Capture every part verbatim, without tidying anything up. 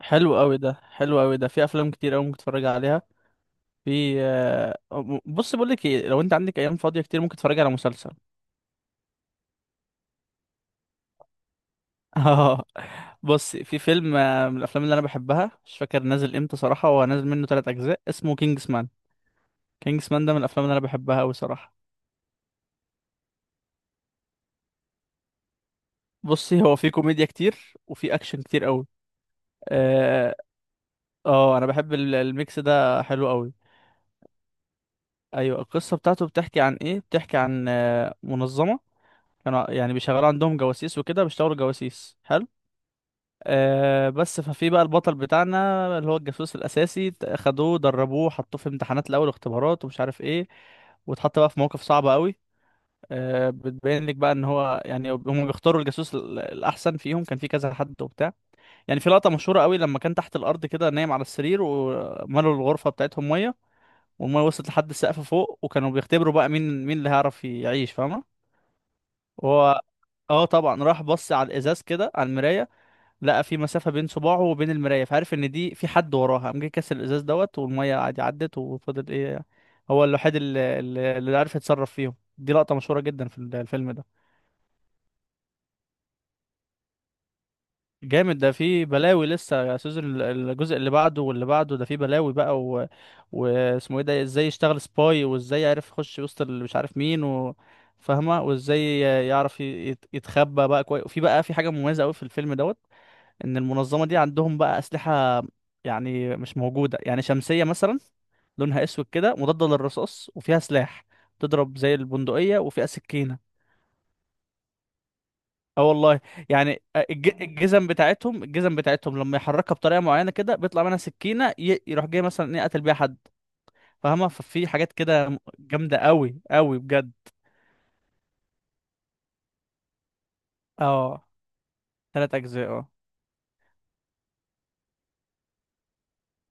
حلو قوي ده، حلو قوي ده، في افلام كتير قوي ممكن تتفرج عليها. في آه، بص، بقول لك ايه، لو انت عندك ايام فاضيه كتير ممكن تتفرج على مسلسل. اه. بص، في فيلم آه، من الافلام اللي انا بحبها، مش فاكر نازل امتى صراحه، هو نازل منه ثلاث اجزاء، اسمه كينجز مان. كينجز مان ده من الافلام اللي انا بحبها قوي صراحه. بصي، هو في كوميديا كتير وفي اكشن كتير قوي. اه. آه، انا بحب ال- الميكس ده، حلو قوي. ايوه، القصه بتاعته بتحكي عن ايه؟ بتحكي عن آه، منظمه، كانوا يعني بيشغلوا عندهم جواسيس وكده، بيشتغلوا جواسيس. حلو. آه بس ففي بقى البطل بتاعنا اللي هو الجاسوس الأساسي، ت- خدوه، دربوه، حطوه في امتحانات الأول واختبارات ومش عارف ايه، واتحط بقى في مواقف صعبة قوي. آه بتبين لك بقى ان هو يعني هم بيختاروا الجاسوس ال- الأحسن فيهم، كان في كذا حد وبتاع. يعني في لقطة مشهورة قوي، لما كان تحت الأرض كده نايم على السرير وملوا الغرفة بتاعتهم مية، والمية وصلت لحد السقف فوق، وكانوا بيختبروا بقى مين مين اللي هيعرف يعيش، فاهمة؟ هو اه طبعا، راح بص على الازاز كده، على المرايه، لقى في مسافه بين صباعه وبين المرايه، فعرف ان دي في حد وراها، قام جه كسر الازاز دوت، والميه عادي عدت، وفضل ايه، هو الوحيد اللي, اللي اللي عرف يتصرف فيهم. دي لقطه مشهوره جدا في ال- الفيلم ده. جامد ده، في بلاوي لسه، يا سيزون ال- الجزء اللي بعده واللي بعده، ده في بلاوي بقى و... واسمه ايه ده، ازاي يشتغل سباي، وازاي يعرف يخش وسط اللي مش عارف مين و... فاهمه، وازاي يعرف ي- يت- يتخبى بقى كويس. وفي بقى في حاجه مميزه قوي في الفيلم دوت، ان المنظمه دي عندهم بقى اسلحه، يعني مش موجوده، يعني شمسيه مثلا، لونها اسود كده، مضاده للرصاص وفيها سلاح، تضرب زي البندقيه وفيها سكينه. اه والله. يعني آه الج- الجزم بتاعتهم الجزم بتاعتهم لما يحركها بطريقه معينه كده بيطلع منها سكينه، ي- يروح جاي مثلا ايه، قتل بيها حد، فاهمه؟ ففي حاجات كده جامده قوي قوي بجد. اه. ثلاث اجزاء، اه.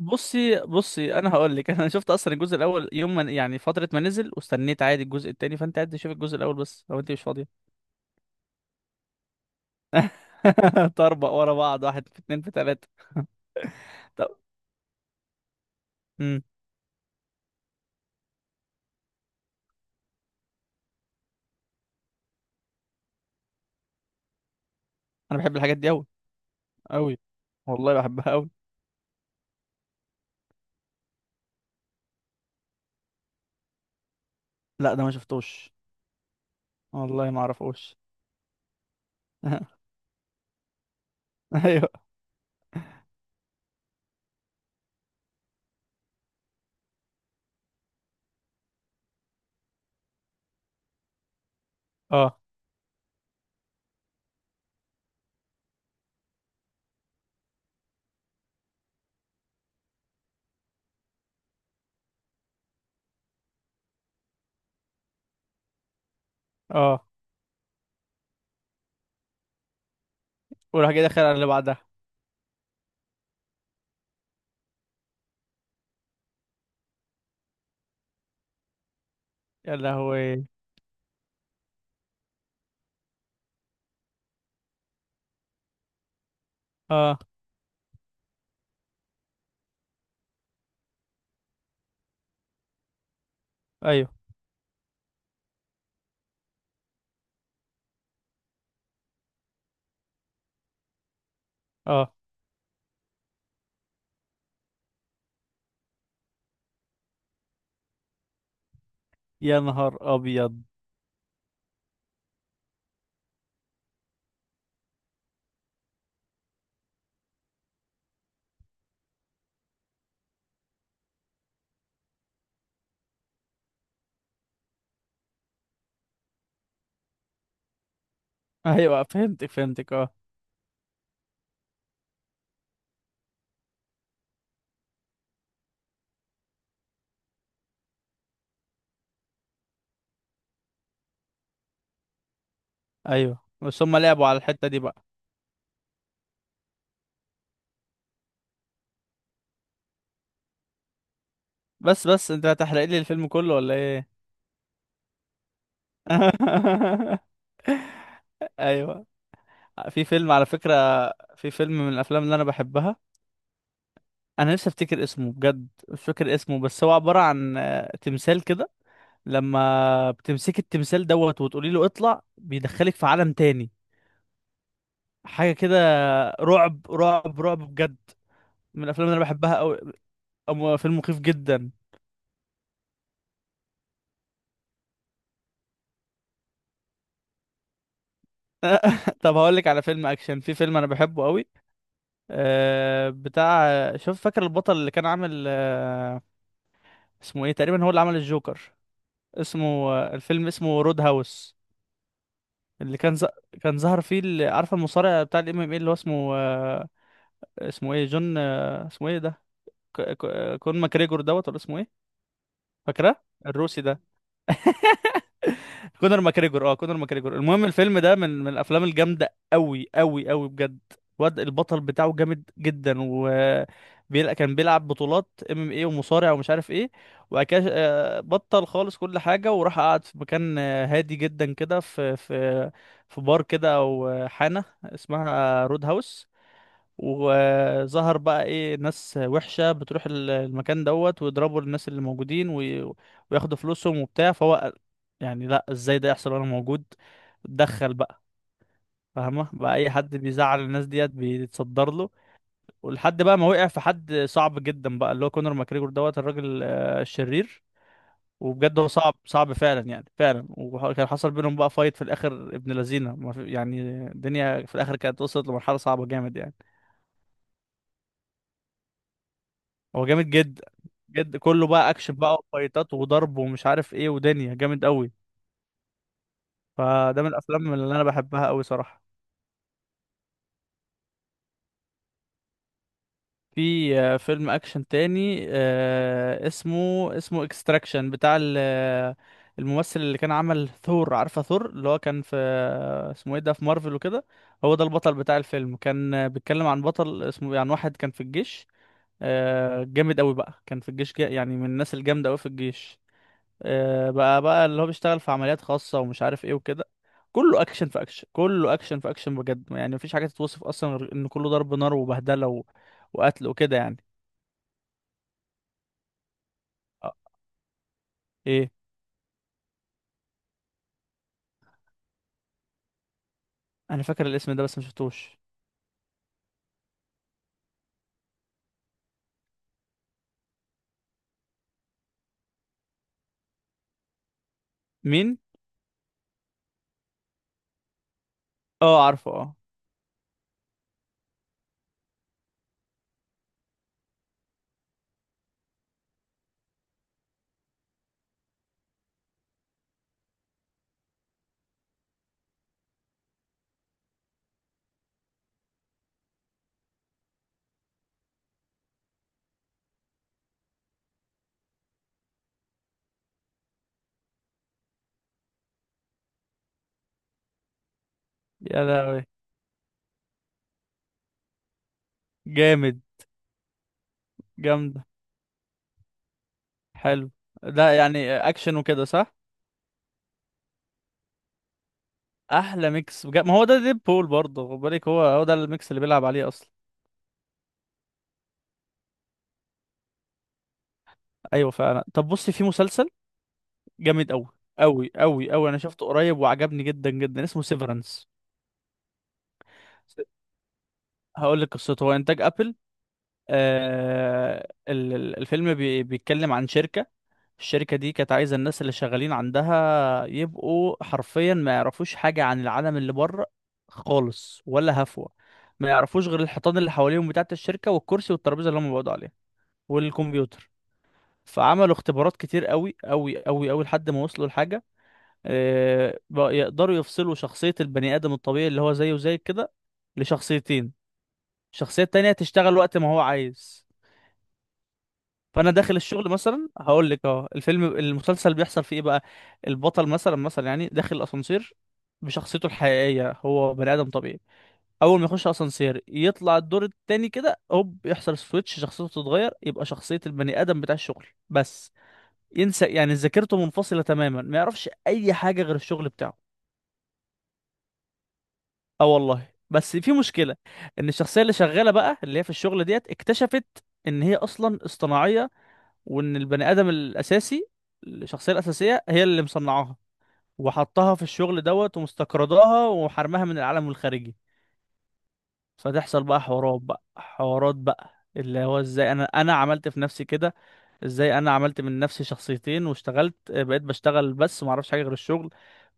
بصي بصي، انا هقول لك. انا شفت اصلا الجزء الاول يوم ما يعني فتره ما نزل، واستنيت عادي الجزء التاني، فانت قاعد تشوف الجزء الاول بس لو انت مش فاضيه. طربق ورا بعض، واحد في اتنين في تلاته. طب. امم انا بحب الحاجات دي قوي قوي، والله بحبها قوي. لا ده ما شفتوش، والله ما اعرفوش. ايوه. اه، اه. وراح جاي داخل على اللي بعدها. يا لهوي. اه. ايوه، اه. يا نهار ابيض. ايوه، فهمتك فهمتك، اه. ايوه، بس هم لعبوا على الحته دي بقى. بس بس انت هتحرق لي الفيلم كله ولا ايه؟ ايوه. في فيلم على فكرة، في فيلم من الافلام اللي انا بحبها، انا نفسي افتكر اسمه بجد، مش فاكر اسمه، بس هو عبارة عن آه، تمثال كده، لما بتمسك التمثال دوت وتقولي له اطلع، بيدخلك في عالم تاني، حاجة كده. رعب رعب رعب بجد، من الافلام اللي انا بحبها قوي. فيلم مخيف جدا. طب هقول لك على فيلم اكشن، في فيلم انا بحبه قوي. آه بتاع، شوف، فاكر البطل اللي كان عامل آه اسمه ايه تقريبا، هو اللي عمل الجوكر، اسمه آه، الفيلم اسمه رود هاوس. اللي كان ز... كان ظهر فيه ال- عارفه المصارع بتاع الام ام اي، اللي هو اسمه آه اسمه ايه، جون آه اسمه ايه ده، ك... ك... كون ماكريجور دوت، ولا اسمه ايه؟ فاكره الروسي ده، كونر ماكريجور، اه، كونر ماكريجور. المهم الفيلم ده من من الافلام الجامده قوي قوي قوي بجد. واد البطل بتاعه جامد جدا، و بيلا- كان بيلعب بطولات ام ام اي ومصارع ومش عارف ايه. وبعد كده آه، بطل خالص كل حاجه، وراح قعد في مكان آه، هادي جدا كده، في في في بار كده، او آه، حانه اسمها رود هاوس. وظهر بقى ايه، ناس وحشة بتروح ال- المكان دوت ويضربوا الناس اللي موجودين، وي- وياخدوا فلوسهم وبتاع، فهو يعني، لا، ازاي ده يحصل وانا موجود؟ اتدخل بقى، فاهمة، بقى اي حد بيزعل الناس ديت بيتصدر له. ولحد بقى ما وقع في حد صعب جدا بقى، اللي هو كونor ماكريجور دوت، الراجل آه، الشرير. وبجد هو صعب صعب فعلا، يعني فعلا، وكان حصل بينهم بقى فايت في الاخر، ابن لذينه، ما في- يعني الدنيا في الاخر كانت وصلت لمرحله صعبه جامد، يعني هو جامد جدا. جد كله بقى اكشن بقى، وفايتات وضرب ومش عارف ايه، ودنيا جامد قوي، فده من الافلام اللي انا بحبها قوي صراحة. في آه، فيلم اكشن تاني، آه، اسمه اسمه اكستراكشن، بتاع ال- آه، الممثل اللي كان عمل ثور، عارفة ثور، اللي هو كان في آه، اسمه ايه ده، في مارفل وكده. هو ده البطل بتاع الفيلم، كان آه، بيتكلم عن بطل اسمه عن واحد كان في الجيش، آه، جامد قوي بقى، كان في الجيش جا- يعني من الناس الجامدة قوي في الجيش، آه، بقى بقى اللي هو بيشتغل في عمليات خاصة ومش عارف ايه وكده. كله اكشن في اكشن، كله اكشن في اكشن بجد، يعني مفيش حاجة تتوصف اصلا غير ان كله ضرب نار وبهدلة و... وقتل وكده يعني. آه، ايه. انا فاكر الاسم ده بس مشفتوش. مين؟ اه عارفه، اه. يا لهوي. جامد. جامدة. حلو، ده يعني اكشن وكده، صح؟ احلى ميكس بجد، ما هو ده ديد بول برضه، خد بالك، هو هو ده الميكس اللي بيلعب عليه اصلا. ايوه فعلا. طب بصي، في مسلسل جامد قوي قوي قوي قوي، انا شفته قريب وعجبني جدا جدا، اسمه سيفرنس. هقول لك قصته، هو انتاج ابل. آه ال- ال- الفيلم بي بيتكلم عن شركه، الشركه دي كانت عايزه الناس اللي شغالين عندها يبقوا حرفيا ما يعرفوش حاجه عن العالم اللي بره خالص، ولا هفوه. ما يعرفوش غير الحيطان اللي حواليهم بتاعه الشركه، والكرسي والترابيزه اللي هم بيقعدوا عليها، والكمبيوتر. فعملوا اختبارات كتير قوي قوي قوي قوي، لحد ما وصلوا لحاجه آه، بقى يقدروا يفصلوا شخصية البني آدم الطبيعي اللي هو زيه زي كده، لشخصيتين. الشخصية التانية تشتغل وقت ما هو عايز. فأنا داخل الشغل مثلا، هقول لك اه الفيلم المسلسل بيحصل فيه إيه بقى. البطل مثلا مثلا يعني داخل الأسانسير بشخصيته الحقيقية، هو بني آدم طبيعي. أول ما يخش أسانسير يطلع الدور التاني كده، هوب يحصل سويتش، شخصيته تتغير، يبقى شخصية البني آدم بتاع الشغل بس، ينسى يعني، ذاكرته منفصلة تماما، ما يعرفش أي حاجة غير الشغل بتاعه. اه والله. بس في مشكله، ان الشخصيه اللي شغاله بقى، اللي هي في الشغل ديت، اكتشفت ان هي اصلا اصطناعيه، وان البني ادم الاساسي، الشخصيه الاساسيه، هي اللي مصنعاها وحطها في الشغل دوت، ومستقرضاها وحرمها من العالم الخارجي. فتحصل بقى حوارات بقى حوارات بقى، اللي هو ازاي انا انا عملت في نفسي كده، ازاي انا عملت من نفسي شخصيتين، واشتغلت بقيت بشتغل بس ما اعرفش حاجه غير الشغل.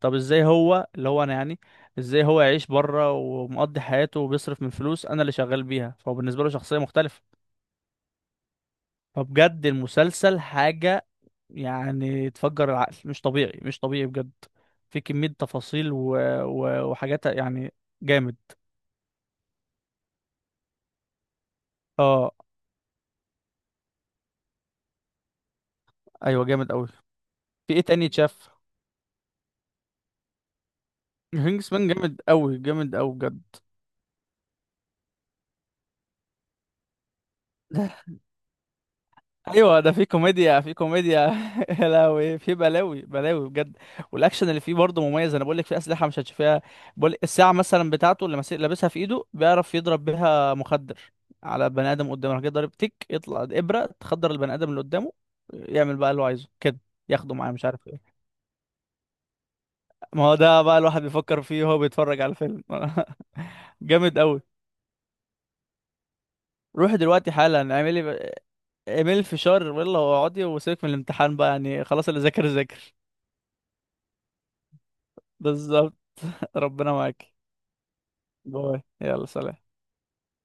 طب ازاي هو، اللي هو انا يعني، ازاي هو يعيش بره ومقضي حياته وبيصرف من فلوس انا اللي شغال بيها، فهو بالنسبه له شخصيه مختلفه. فبجد المسلسل حاجه، يعني تفجر العقل، مش طبيعي، مش طبيعي بجد. في كميه تفاصيل و... و... وحاجات، يعني جامد. اه. ايوه جامد قوي. في ايه تاني اتشاف؟ وينجز مان جامد قوي، جامد قوي بجد. ايوه، ده في كوميديا، في كوميديا. يا لهوي، في بلاوي بلاوي بجد. والاكشن اللي فيه برضه مميز، انا بقول لك في اسلحه مش هتشوفيها. بقول الساعه مثلا بتاعته اللي ماسك لابسها في ايده، بيعرف يضرب بيها مخدر على بني ادم قدامه، راح جاي ضارب تك، يطلع ابره تخدر البني ادم اللي قدامه، يعمل بقى اللي هو عايزه كده، ياخده معاه، مش عارف ايه. ما هو ده بقى الواحد بيفكر فيه وهو بيتفرج على الفيلم. جامد قوي. روح دلوقتي حالا، اعملي اعمل فشار، يلا واقعدي، وسيبك من الامتحان بقى، يعني خلاص اللي ذاكر ذاكر. بالظبط. ربنا معاك. باي، يلا سلام.